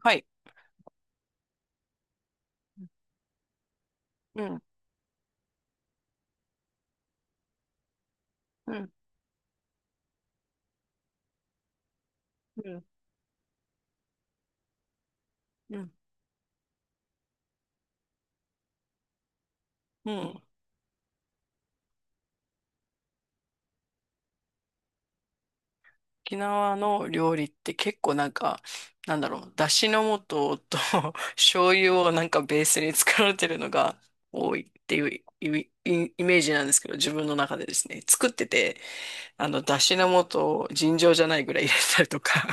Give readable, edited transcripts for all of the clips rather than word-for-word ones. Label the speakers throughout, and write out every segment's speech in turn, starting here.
Speaker 1: はい。うん、うん、うん、うん、うん。沖縄の料理って結構なんか、なんだろう、だしの素と 醤油をなんかベースに作られてるのが多いっていうイメージなんですけど、自分の中でですね、作ってて、だしの素を尋常じゃないぐらい入れたりとか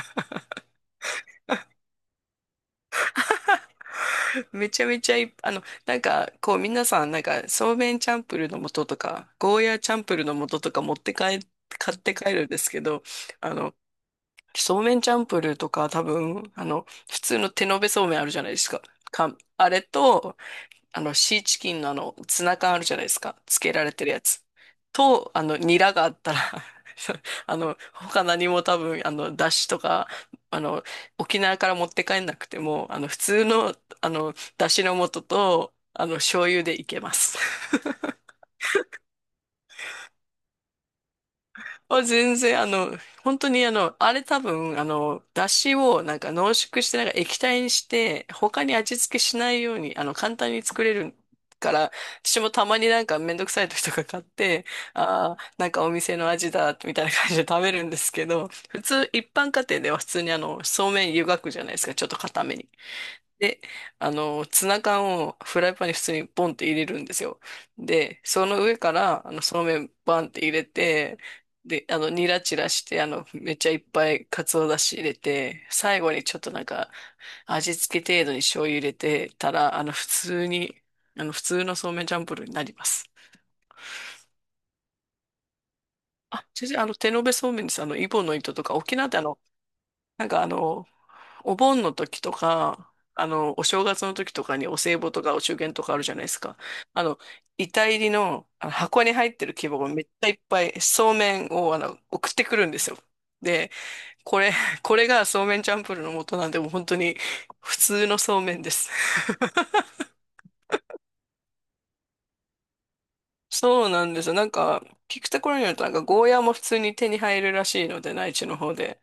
Speaker 1: めちゃめちゃいっぱい、なんか、こう、皆さん、なんか、そうめんチャンプルーの素とか、ゴーヤーチャンプルーの素とか持って帰、買って帰るんですけど、あの、そうめんチャンプルーとか多分、普通の手延べそうめんあるじゃないですか。あれと、シーチキンのツナ缶あるじゃないですか。つけられてるやつ。と、ニラがあったら 他何も多分、だしとか、あの、沖縄から持って帰んなくても、普通の、だしの素と、醤油でいけます。あ、全然、本当にあれ多分、出汁をなんか濃縮して、なんか液体にして、他に味付けしないように、簡単に作れるから、私もたまになんかめんどくさい時とか買って、ああ、なんかお店の味だ、みたいな感じで食べるんですけど、普通、一般家庭では普通にそうめん湯がくじゃないですか、ちょっと固めに。で、ツナ缶をフライパンに普通にポンって入れるんですよ。で、その上から、そうめんバンって入れて、で、ニラチラして、めっちゃいっぱい鰹だし入れて、最後にちょっとなんか、味付け程度に醤油入れてたら、普通に、普通のそうめんチャンプルーになります。あ、先生、手延べそうめんです。イボの糸とか、沖縄ってなんかお盆の時とか、お正月の時とかにお歳暮とかお中元とかあるじゃないですか。あの、遺体入りの、あの箱に入ってる規模がめっちゃいっぱいそうめんを送ってくるんですよ。で、これ、これがそうめんチャンプルーの元なんで、もう本当に普通のそうめんです。そうなんですよ。なんか、聞くところによると、なんかゴーヤーも普通に手に入るらしいので、内地の方で。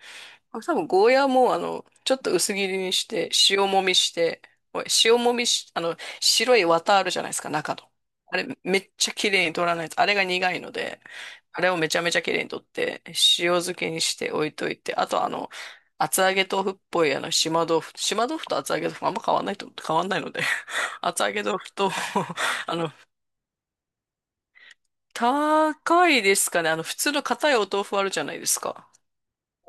Speaker 1: あ、多分ゴーヤーもちょっと薄切りにして、塩もみして、おい塩もみし、白い綿あるじゃないですか、中の。あれ、めっちゃ綺麗に取らないと、あれが苦いので、あれをめちゃめちゃ綺麗に取って、塩漬けにして置いといて、あと厚揚げ豆腐っぽい島豆腐、島豆腐と厚揚げ豆腐あんま変わんないので、厚揚げ豆腐と あの、高いですかね、普通の硬いお豆腐あるじゃないですか。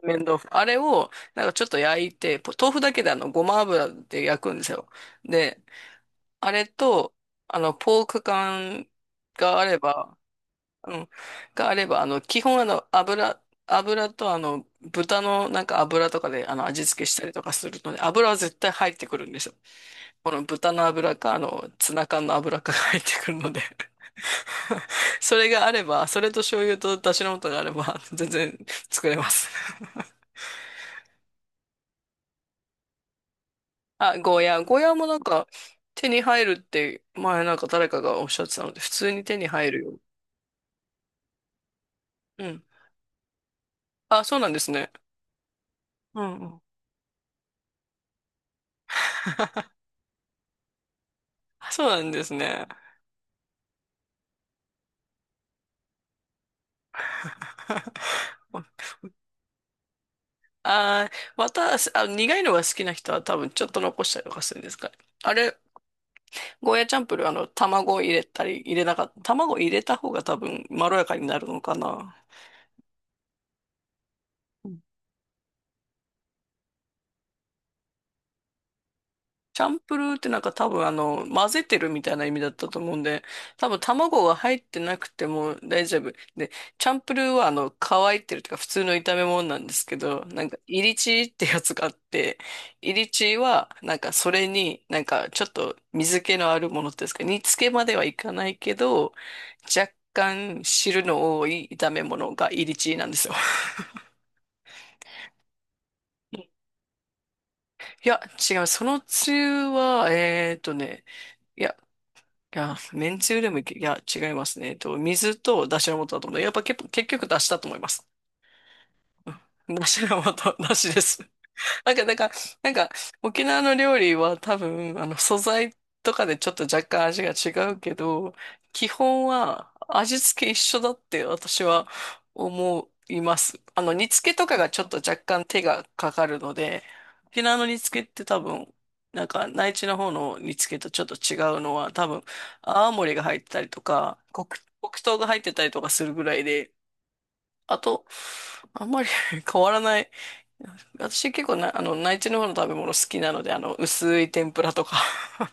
Speaker 1: 麺豆腐。あれを、なんかちょっと焼いて、豆腐だけでごま油で焼くんですよ。で、あれと、ポーク缶があれば、うん、があれば、基本油と豚のなんか油とかで味付けしたりとかするので、油は絶対入ってくるんですよ。この豚の油か、ツナ缶の油かが入ってくるので それがあれば、それと醤油と出汁の素があれば、全然作れます。あ、ゴーヤー。ゴーヤーもなんか手に入るって前なんか誰かがおっしゃってたので、普通に手に入るよ。うん。あ、そうなんですね。うんうん。あ、そうなんですね。あー、また、あ、苦いのが好きな人は多分ちょっと残したりとかするんですかね。あれ、ゴーヤチャンプルー、卵入れたり、入れなかった。卵入れた方が多分まろやかになるのかな。チャンプルーってなんか多分混ぜてるみたいな意味だったと思うんで、多分卵が入ってなくても大丈夫。で、チャンプルーは乾いてるとか普通の炒め物なんですけど、なんか、イリチーってやつがあって、イリチーはなんかそれになんかちょっと水気のあるものっていうんですか、煮付けまではいかないけど、若干汁の多い炒め物がイリチーなんですよ。いや、違う。そのつゆは、いやいや、めんつゆでもいけ、いや、違いますね。水と出汁の素だと思うんだやっぱ結構、結局出汁だと思います。うん、出汁の素、出汁です。なんか、だから、なんか、沖縄の料理は多分、素材とかでちょっと若干味が違うけど、基本は味付け一緒だって私は思います。煮付けとかがちょっと若干手がかかるので、沖縄の煮付けって多分、なんか、内地の方の煮付けとちょっと違うのは、多分、泡盛が入ってたりとか、黒糖が入ってたりとかするぐらいで、あと、あんまり 変わらない。私結構な、内地の方の食べ物好きなので、薄い天ぷらとか。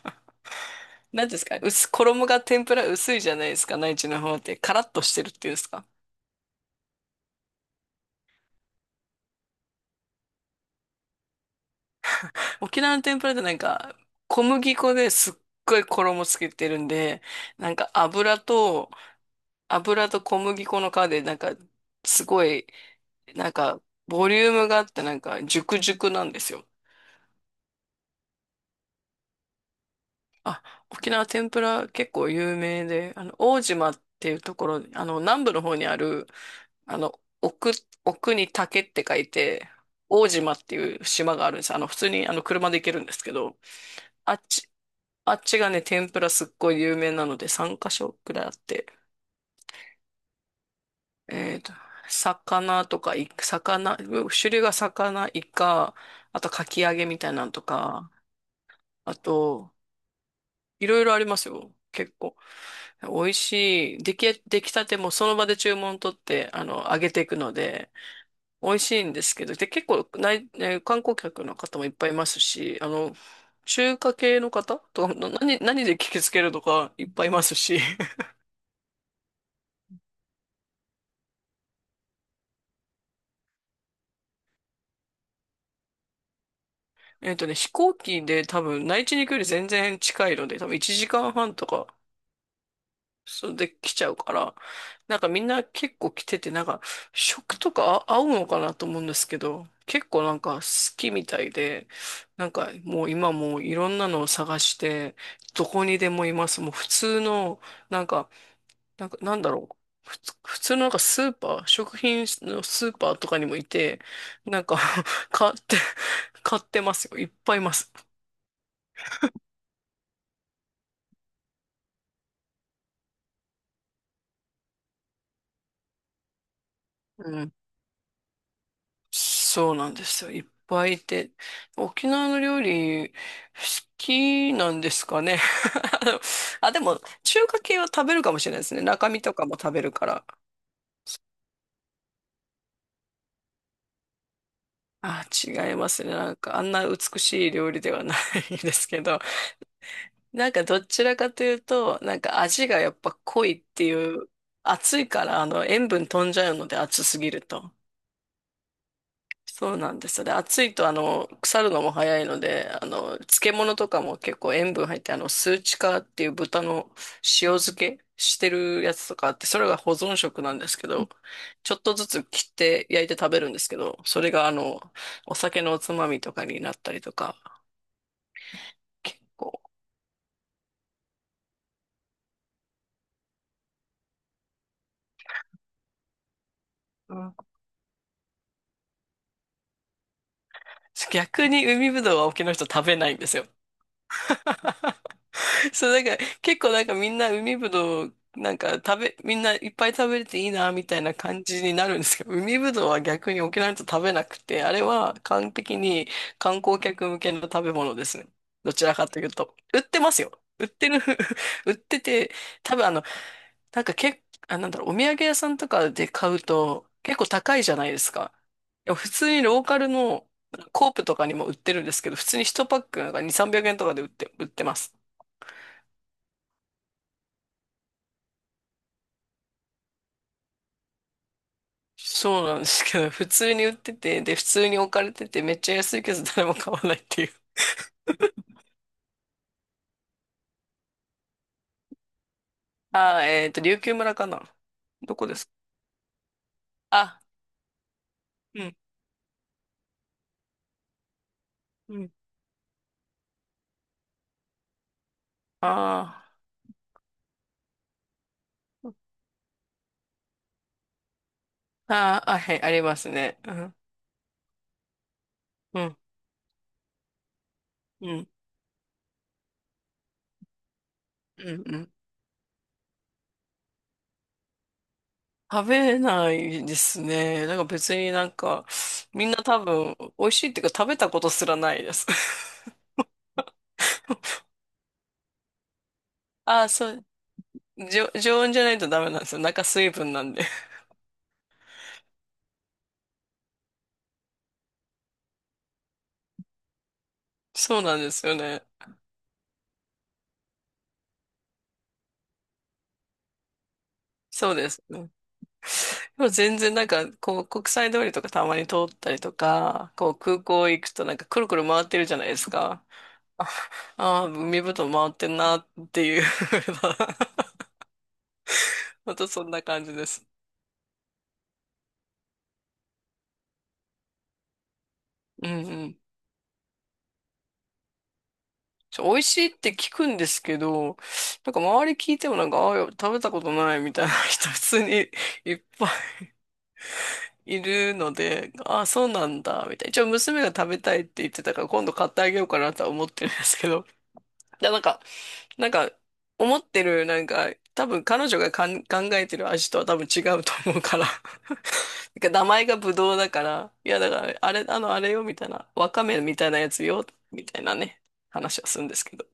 Speaker 1: 何ですか衣が天ぷら薄いじゃないですか、内地の方って。カラッとしてるっていうんですか。沖縄の天ぷらってなんか、小麦粉ですっごい衣つけてるんで、なんか油と、油と小麦粉の皮で、なんか、すごい、なんか、ボリュームがあって、なんか、熟熟なんですよ。あ、沖縄天ぷら結構有名で、大島っていうところ、南部の方にある、あの、奥、奥に竹って書いて、大島っていう島があるんです。普通にあの車で行けるんですけど、あっち、あっちがね、天ぷらすっごい有名なので3カ所くらいあって、えっと、魚とか、種類が魚、イカ、あとかき揚げみたいなのとか、あと、いろいろありますよ。結構。美味しい。出来たてもその場で注文取って、揚げていくので、美味しいんですけど、で、結構ね、観光客の方もいっぱいいますし、中華系の方とか、何で聞きつけるとかいっぱいいますし、飛行機で多分内地に行くより全然近いので、多分1時間半とか、それで来ちゃうから、なんかみんな結構来てて、なんか食とか合うのかなと思うんですけど、結構なんか好きみたいで、なんかもう今もういろんなのを探して、どこにでもいます。もう普通の、なんかなんか、なんだろう。普通のなんかスーパー、食品のスーパーとかにもいて、なんか 買って、買ってますよ。いっぱいいます。うん。そうなんですよ。いっぱいいて。沖縄の料理、好きなんですかね。あのでも、中華系は食べるかもしれないですね。中身とかも食べるから。あ、違いますね。なんか、あんな美しい料理ではない ですけど。なんかどちらかというと、なんか味がやっぱ濃いっていう、暑いから塩分飛んじゃうので暑すぎると。そうなんですよ。で、暑いと腐るのも早いので、漬物とかも結構塩分入って、スーチカーっていう豚の塩漬けしてるやつとかあって、それが保存食なんですけど、ちょっとずつ切って焼いて食べるんですけど、それがお酒のおつまみとかになったりとか、結構、うん。逆に海ぶどうは沖の人食べないんですよ。そう、なんか、結構なんかみんな海ぶどう、なんか食べ、みんないっぱい食べれていいな、みたいな感じになるんですけど、海ぶどうは逆に沖縄の人食べなくて、あれは完璧に観光客向けの食べ物ですね。どちらかというと。売ってますよ。売ってる 売ってて、多分あの、なんかけ、あ、なんだろう、お土産屋さんとかで買うと結構高いじゃないですか。でも普通にローカルのコープとかにも売ってるんですけど、普通に1パック2、300円とかで売ってます。そうなんですけど、普通に売ってて、で、普通に置かれてて、めっちゃ安いけど誰も買わないっていう。琉球村かな。どこですか？あ、うん、うん。ああ、はい、ありますね。うん、うん、うん、うん、うん。食べないですね。なんか別になんか、みんな多分、美味しいっていうか食べたことすらないです。ああそう、常温じゃないとダメなんですよ。中水分なんで。そうなんですよね。そうです。でもう全然なんか、こう、国際通りとかたまに通ったりとか、こう、空港行くとなんかくるくる回ってるじゃないですか。あ、海ぶどう回ってんなっていう またそんな感じです。うんうん。美味しいって聞くんですけど、なんか周り聞いてもなんか、ああ、食べたことないみたいな 人普通にいっぱいいるので、ああ、そうなんだ、みたいな。一応娘が食べたいって言ってたから今度買ってあげようかなとは思ってるんですけど。で、なんか、思ってる、なんか、多分彼女が考えてる味とは多分違うと思うから。なんか名前がブドウだから、いやだから、あれ、あれよ、みたいな、わかめみたいなやつよ、みたいなね、話はするんですけど。